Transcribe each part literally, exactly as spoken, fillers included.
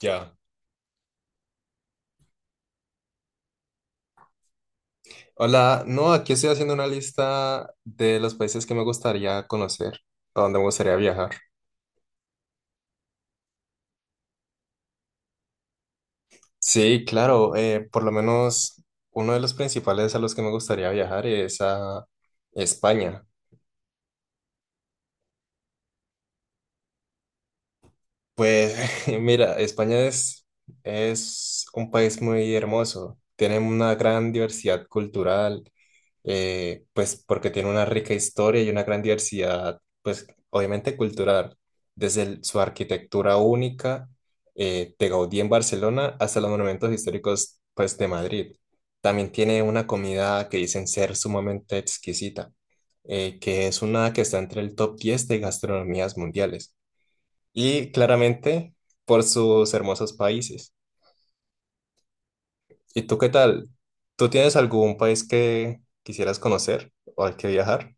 Ya. Hola, no, aquí estoy haciendo una lista de los países que me gustaría conocer, a donde me gustaría viajar. Sí, claro, eh, por lo menos uno de los principales a los que me gustaría viajar es a España. Pues mira, España es, es un país muy hermoso, tiene una gran diversidad cultural, eh, pues porque tiene una rica historia y una gran diversidad, pues obviamente cultural, desde el- su arquitectura única eh, de Gaudí en Barcelona hasta los monumentos históricos pues de Madrid. También tiene una comida que dicen ser sumamente exquisita, eh, que es una que está entre el top diez de gastronomías mundiales y claramente por sus hermosos países. ¿Y tú qué tal? ¿Tú tienes algún país que quisieras conocer o al que viajar?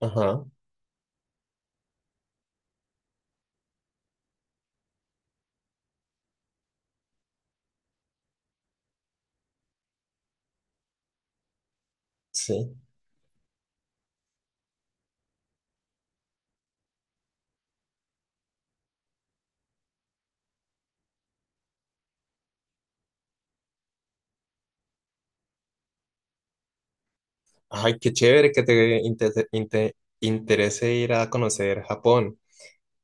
Ajá. Sí. Ay, qué chévere que te inte- inte- interese ir a conocer Japón.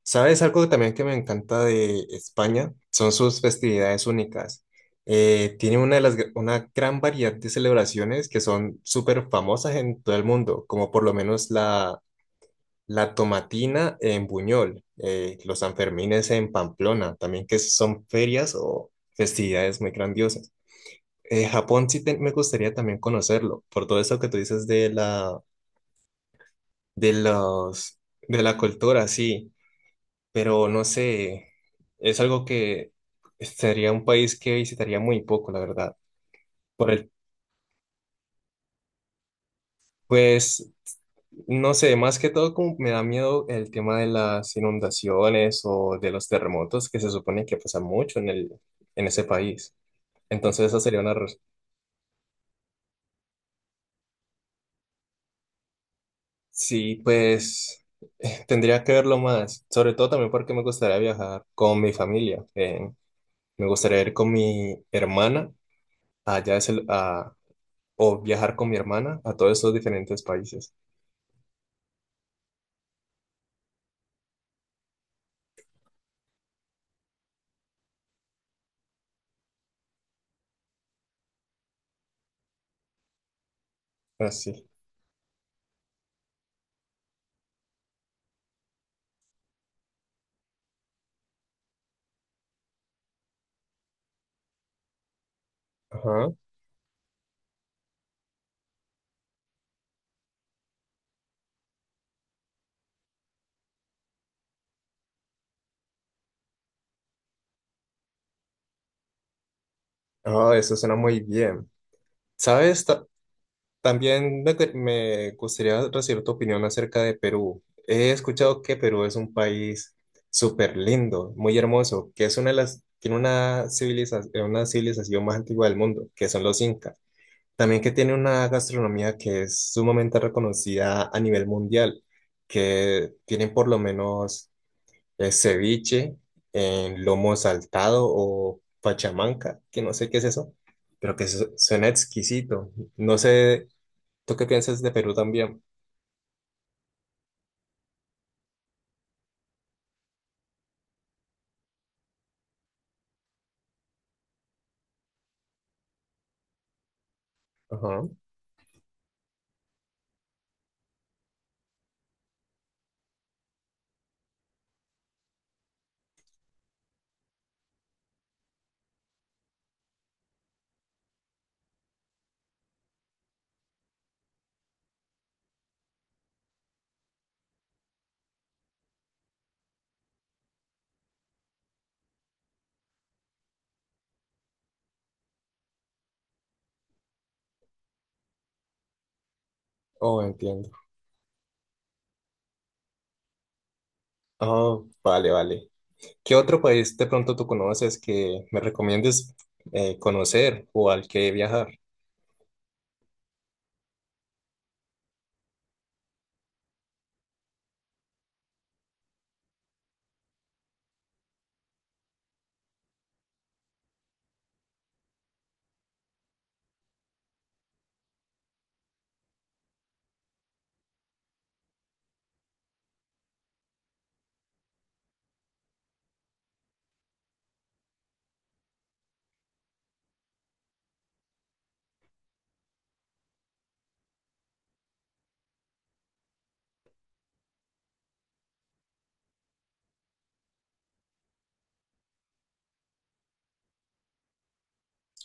¿Sabes algo que también que me encanta de España? Son sus festividades únicas. Eh, tiene una de las, gr- una gran variedad de celebraciones que son súper famosas en todo el mundo, como por lo menos la, la tomatina en Buñol, eh, los Sanfermines en Pamplona, también que son ferias o festividades muy grandiosas. Eh, Japón sí te- me gustaría también conocerlo, por todo eso que tú dices de la de los de la cultura, sí, pero no sé, es algo que sería un país que visitaría muy poco, la verdad. Por el, pues, no sé, más que todo como me da miedo el tema de las inundaciones o de los terremotos que se supone que pasa mucho en el, en ese país. Entonces esa sería una raz- Sí, pues tendría que verlo más, sobre todo también porque me gustaría viajar con mi familia. Eh, me gustaría ir con mi hermana allá es el, o viajar con mi hermana a todos esos diferentes países. Así. Ajá. Ah, eso suena muy bien. ¿Sabes? Ta- también me, gu- me gustaría recibir tu opinión acerca de Perú. He escuchado que Perú es un país súper lindo, muy hermoso, que es una de las, tiene una civiliza una civilización más antigua del mundo, que son los incas. También que tiene una gastronomía que es sumamente reconocida a nivel mundial, que tienen por lo menos el ceviche en lomo saltado o pachamanca, que no sé qué es eso, pero que su- suena exquisito. No sé, ¿tú qué piensas de Perú también? Ajá. Oh, entiendo. Oh, vale, vale. ¿Qué otro país de pronto tú conoces que me recomiendes eh, conocer o al que viajar?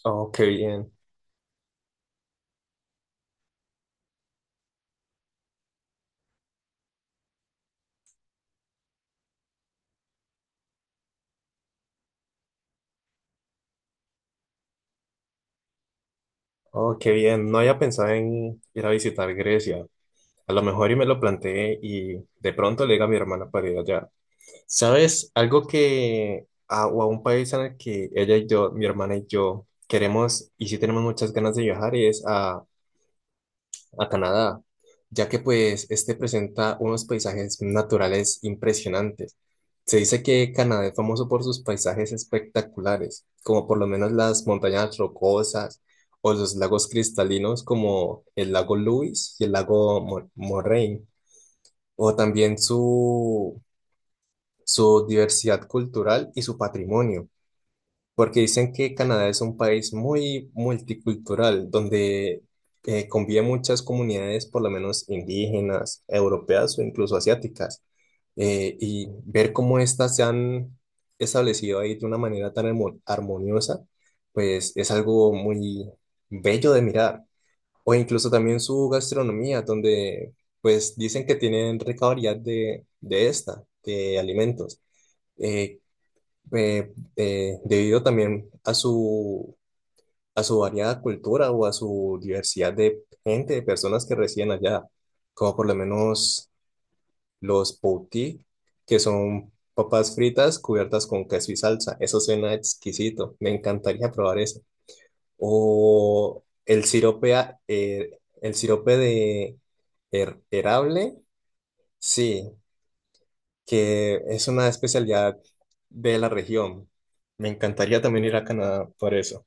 Oh, qué bien. Oh, qué bien. No había pensado en ir a visitar Grecia. A lo mejor y me lo planteé y de pronto le diga a mi hermana para ir allá. ¿Sabes? Algo que, a, o a un país en el que ella y yo, mi hermana y yo, queremos y sí tenemos muchas ganas de viajar es a, a Canadá, ya que pues este presenta unos paisajes naturales impresionantes. Se dice que Canadá es famoso por sus paisajes espectaculares, como por lo menos las montañas rocosas o los lagos cristalinos como el lago Louise y el lago Mo- Moraine, o también su su diversidad cultural y su patrimonio, porque dicen que Canadá es un país muy multicultural, donde eh, conviven muchas comunidades, por lo menos indígenas, europeas o incluso asiáticas, eh, y ver cómo estas se han establecido ahí de una manera tan armo- armoniosa, pues es algo muy bello de mirar. O incluso también su gastronomía, donde pues dicen que tienen rica variedad de, de esta, de alimentos eh, eh, eh, debido también a su, a su variada cultura o a su diversidad de gente, de personas que residen allá, como por lo menos los poutí, que son papas fritas cubiertas con queso y salsa. Eso suena exquisito, me encantaría probar eso. O el sirope, a- eh, el sirope de her- herable, sí, que es una especialidad de la región. Me encantaría también ir a Canadá por eso.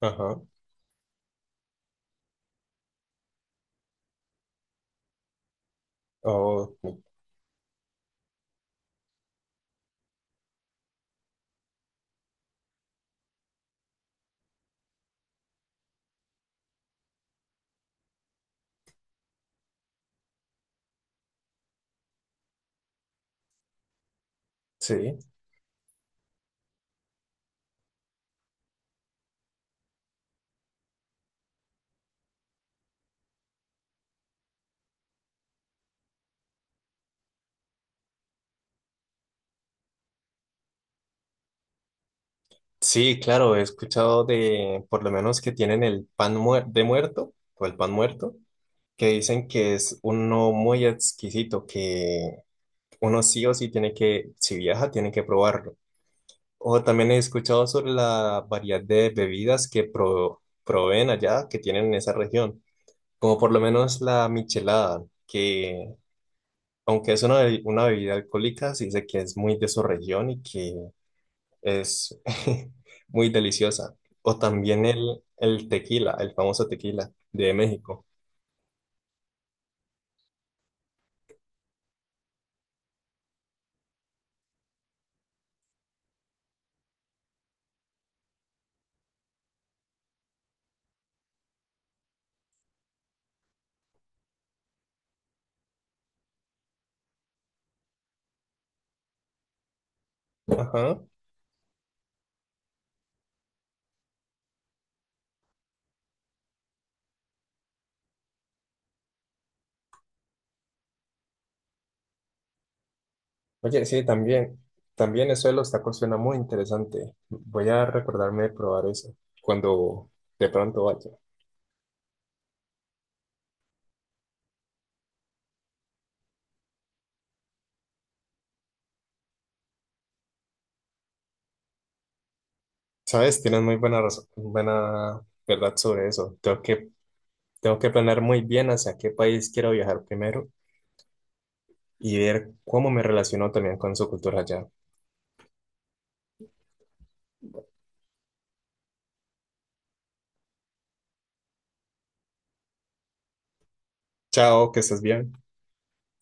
Ajá. Oh, sí. Sí, claro, he escuchado de, por lo menos que tienen el pan muer- de muerto o el pan muerto, que dicen que es uno muy exquisito, que uno sí o sí tiene que, si viaja, tiene que probarlo. O también he escuchado sobre la variedad de bebidas que pro- proveen allá, que tienen en esa región, como por lo menos la michelada, que aunque es una, be- una bebida alcohólica, se dice que es muy de su región y que es muy deliciosa. O también el, el tequila, el famoso tequila de México. Ajá. Oye, sí, también. También eso de los tacos suena muy interesante. Voy a recordarme de probar eso cuando de pronto vaya. Sabes, tienes muy buena razón, buena verdad sobre eso. Tengo que, tengo que planear muy bien hacia qué país quiero viajar primero y ver cómo me relaciono también con su cultura allá. Chao, que estés bien.